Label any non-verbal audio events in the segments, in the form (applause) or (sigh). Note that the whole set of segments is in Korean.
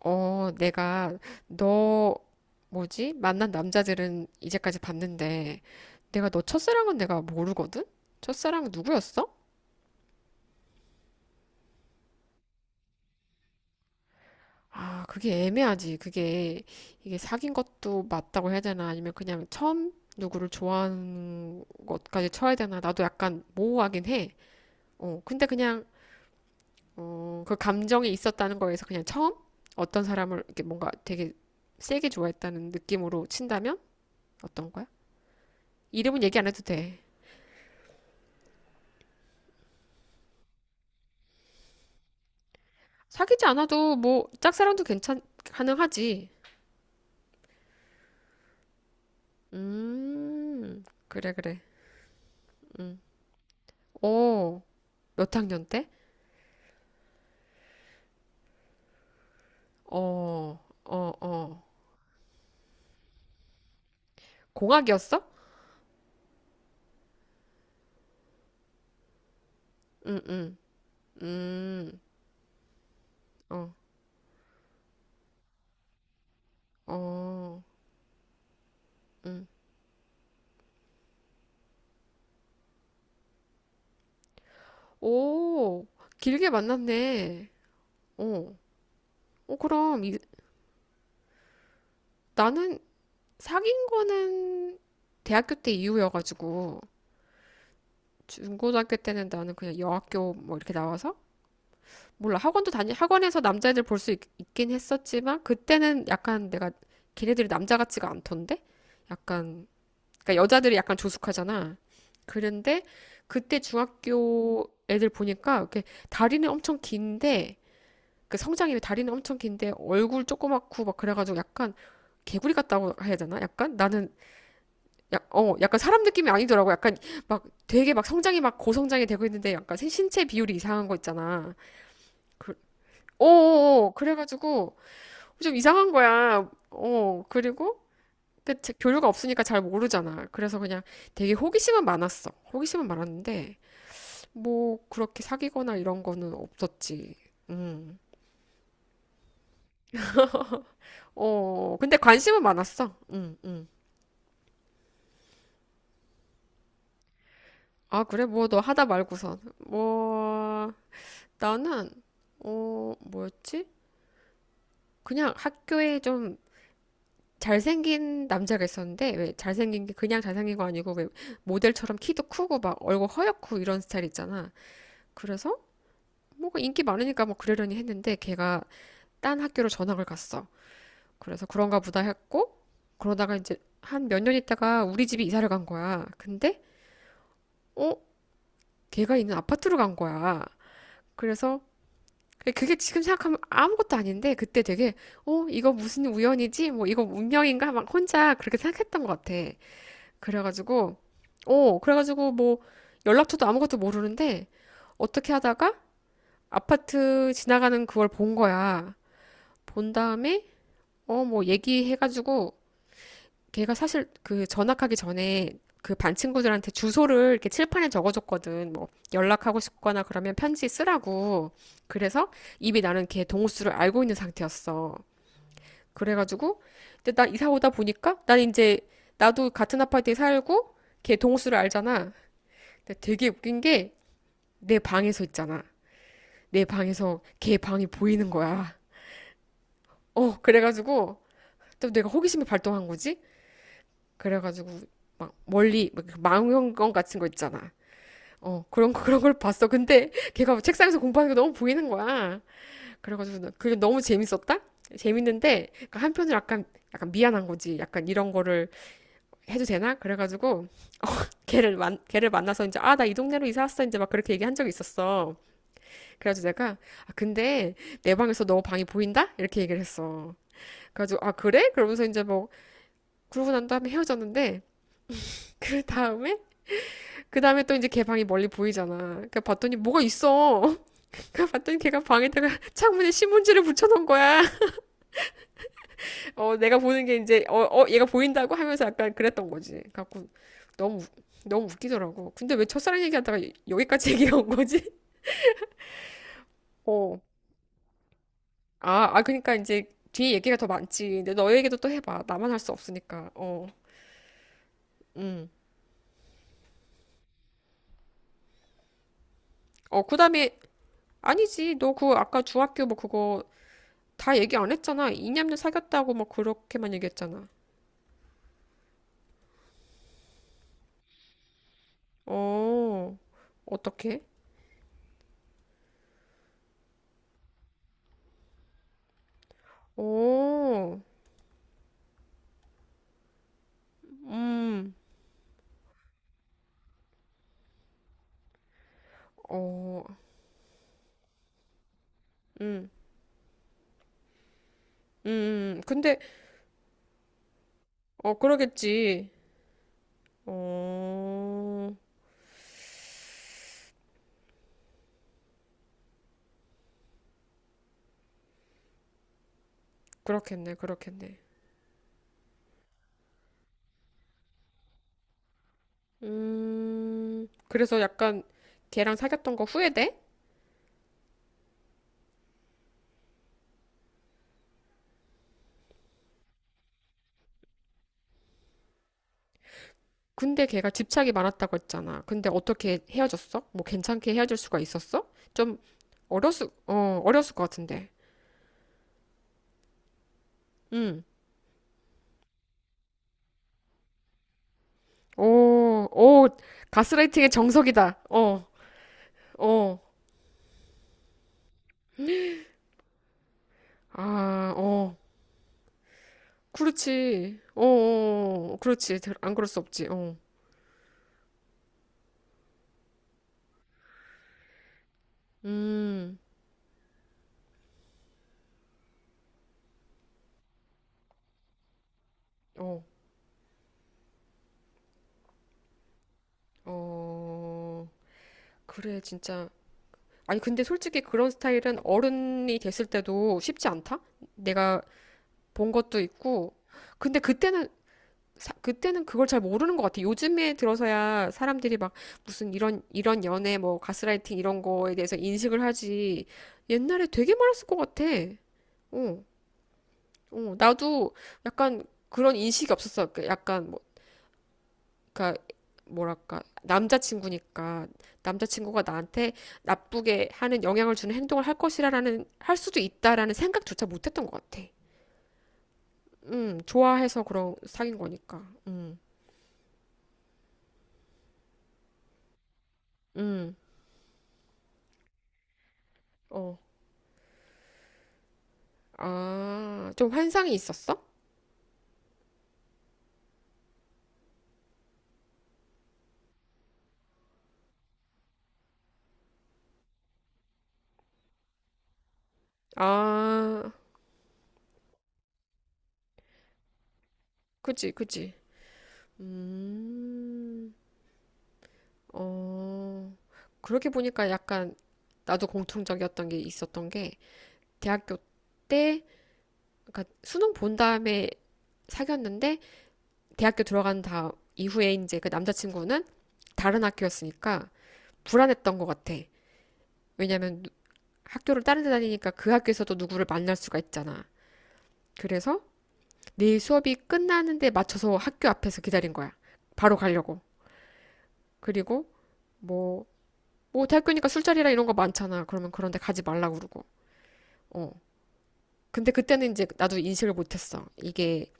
내가 너 뭐지? 만난 남자들은 이제까지 봤는데, 내가 너 첫사랑은 내가 모르거든? 첫사랑 누구였어? 아, 그게 애매하지. 그게 이게 사귄 것도 맞다고 해야 되나? 아니면 그냥 처음 누구를 좋아하는 것까지 쳐야 되나? 나도 약간 모호하긴 해. 근데 그냥 그 감정이 있었다는 거에서 그냥 처음 어떤 사람을 이렇게 뭔가 되게 세게 좋아했다는 느낌으로 친다면 어떤 거야? 이름은 얘기 안 해도 돼. 사귀지 않아도 뭐 짝사랑도 괜찮 가능하지. 음, 그래 그래. 어, 몇 학년 때? 어, 어, 어. 공학이었어? 응, 응, 음, 어, 어. 오, 길게 만났네. 어, 어 그럼 이, 나는 사귄 거는 대학교 때 이후여가지고 중고등학교 때는 나는 그냥 여학교 뭐 이렇게 나와서 몰라. 학원에서 남자애들 볼 수 있긴 했었지만, 그때는 약간 내가, 걔네들이 남자 같지가 않던데? 약간, 그러니까 여자들이 약간 조숙하잖아. 그런데, 그때 중학교 애들 보니까, 이렇게 다리는 엄청 긴데, 그 성장이 다리는 엄청 긴데, 얼굴 조그맣고 막 그래가지고 약간, 개구리 같다고 해야 되나? 약간 나는 약간 사람 느낌이 아니더라고. 약간 막 되게 막 성장이 막 고성장이 되고 있는데 약간 신체 비율이 이상한 거 있잖아. 그, 어어어 그래가지고 좀 이상한 거야. 그리고 그 교류가 없으니까 잘 모르잖아. 그래서 그냥 되게 호기심은 많았어. 호기심은 많았는데 뭐 그렇게 사귀거나 이런 거는 없었지. 음. 근데 관심은 많았어. 아 그래, 뭐 너 하다 말고선, 뭐 나는 뭐였지? 그냥 학교에 좀 잘생긴 남자가 있었는데, 왜 잘생긴 게 그냥 잘생긴 거 아니고 왜 모델처럼 키도 크고 막 얼굴 허옇고 이런 스타일 있잖아. 그래서 뭔가 인기 많으니까 뭐 그러려니 했는데, 걔가 딴 학교로 전학을 갔어. 그래서 그런가 보다 했고, 그러다가 이제 한 몇 년 있다가 우리 집이 이사를 간 거야. 근데 어 걔가 있는 아파트로 간 거야. 그래서 그게 지금 생각하면 아무것도 아닌데, 그때 되게 이거 무슨 우연이지? 뭐 이거 운명인가? 막 혼자 그렇게 생각했던 것 같아. 그래가지고, 그래가지고 뭐 연락처도 아무것도 모르는데 어떻게 하다가 아파트 지나가는 그걸 본 거야. 본 다음에 뭐 얘기해가지고, 걔가 사실 그 전학하기 전에 그 반 친구들한테 주소를 이렇게 칠판에 적어줬거든. 뭐 연락하고 싶거나 그러면 편지 쓰라고. 그래서 이미 나는 걔 동호수를 알고 있는 상태였어. 그래가지고 근데 나 이사 오다 보니까 난 이제 나도 같은 아파트에 살고 걔 동호수를 알잖아. 되게 웃긴 게 내 방에서 있잖아, 내 방에서 걔 방이 보이는 거야. 그래가지고 또 내가 호기심이 발동한 거지? 그래가지고 막 멀리 막 그 망원경 같은 거 있잖아. 그런 걸 봤어. 근데 걔가 책상에서 공부하는 게 너무 보이는 거야. 그래가지고 그게 너무 재밌었다? 재밌는데, 그러니까 한편으로 약간 미안한 거지. 약간 이런 거를 해도 되나? 그래가지고 (laughs) 걔를 만나서 이제, 아, 나 이 동네로 이사 왔어 이제, 막 그렇게 얘기한 적이 있었어. 그래가지고 내가 아 근데 내 방에서 너 방이 보인다? 이렇게 얘기를 했어. 그래가지고 아 그래? 그러면서 이제 뭐 그러고 난 다음에 헤어졌는데, (laughs) 그 다음에 그 다음에 또 이제 걔 방이 멀리 보이잖아. 그러니까 봤더니 뭐가 있어. (laughs) 그 봤더니 걔가 방에다가 (laughs) 창문에 신문지를 붙여놓은 거야. (laughs) 내가 보는 게 이제 얘가 보인다고 하면서 약간 그랬던 거지. 갖고 너무 너무 웃기더라고. 근데 왜 첫사랑 얘기하다가 여기까지 (laughs) 얘기해 온 거지? (laughs) 어. 아, 아, 그러니까 이제 뒤에 얘기가 더 많지. 근데 너 얘기도 또 해봐. 나만 할 수 없으니까. 어, 음. 그다음에 아니지. 너 그 아까 중학교 뭐 그거 다 얘기 안 했잖아. 이념녀 사귀었다고 뭐 그렇게만 얘기했잖아. 어, 어떻게? 어, 음, 어, 음, 근데 그러겠지. 어, 그렇겠네, 그렇겠네. 그래서 약간 걔랑 사귀었던 거 후회돼? 근데 걔가 집착이 많았다고 했잖아. 근데 어떻게 헤어졌어? 뭐 괜찮게 헤어질 수가 있었어? 좀 어렸을 것 같은데. 응. 오, 오, 가스라이팅의 정석이다. 어, 어, 아, 어. 그렇지. 어, 어, 어. 그렇지. 안 그럴 수 없지. 어. 음, 어, 어. 그래, 진짜. 아니, 근데 솔직히 그런 스타일은 어른이 됐을 때도 쉽지 않다? 내가 본 것도 있고. 근데 그때는 그때는 그걸 잘 모르는 것 같아. 요즘에 들어서야 사람들이 막 무슨 이런 연애, 뭐, 가스라이팅 이런 거에 대해서 인식을 하지. 옛날에 되게 많았을 것 같아. 어, 어, 나도 약간 그런 인식이 없었어. 그 약간 뭐, 그니까 뭐랄까 남자친구니까 남자친구가 나한테 나쁘게 하는 영향을 주는 행동을 할 수도 있다라는 생각조차 못했던 것 같아. 좋아해서 그런 사귄 거니까. 음, 어. 아, 좀 환상이 있었어? 아, 그지, 그지. 음, 어, 그렇게 보니까 약간 나도 공통적이었던 게 있었던 게, 대학교 때, 그러니까 수능 본 다음에 사귀었는데, 대학교 들어간 다음 이후에 이제 그 남자친구는 다른 학교였으니까 불안했던 것 같아. 왜냐면 학교를 다른 데 다니니까 그 학교에서도 누구를 만날 수가 있잖아. 그래서 내 수업이 끝나는데 맞춰서 학교 앞에서 기다린 거야. 바로 가려고. 그리고 뭐, 대학교니까 술자리라 이런 거 많잖아. 그러면 그런데 가지 말라고 그러고. 어. 근데 그때는 이제 나도 인식을 못했어. 이게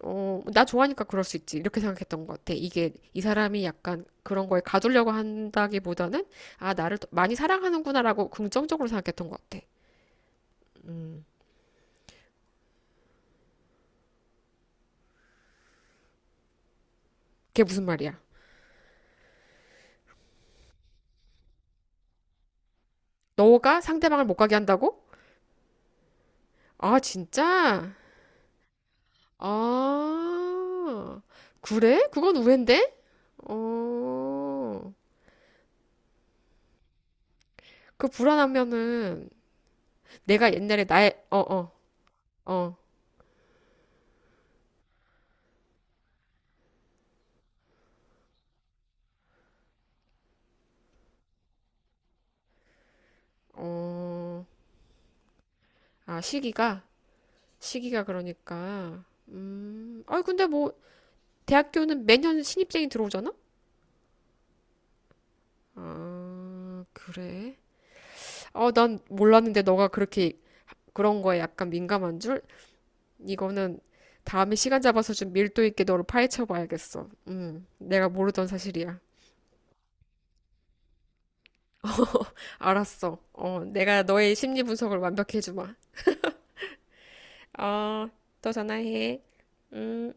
나 좋아하니까 그럴 수 있지, 이렇게 생각했던 것 같아. 이게 이 사람이 약간 그런 거에 가두려고 한다기보다는 아, 나를 더 많이 사랑하는구나라고 긍정적으로 생각했던 것 같아. 그게 무슨 말이야? 너가 상대방을 못 가게 한다고? 아, 진짜? 아, 그래? 그건 우회인데? 어, 그 불안하면은 내가 옛날에 나의, 어, 어, 아, 시기가? 시기가 그러니까. 아, 근데 뭐, 대학교는 매년 신입생이 들어오잖아? 아, 그래? 어, 난 몰랐는데 너가 그렇게 그런 거에 약간 민감한 줄? 이거는 다음에 시간 잡아서 좀 밀도 있게 너를 파헤쳐 봐야겠어. 내가 모르던 사실이야. 알았어. 내가 너의 심리 분석을 완벽히 해주마. 어, 또 전화해. 음.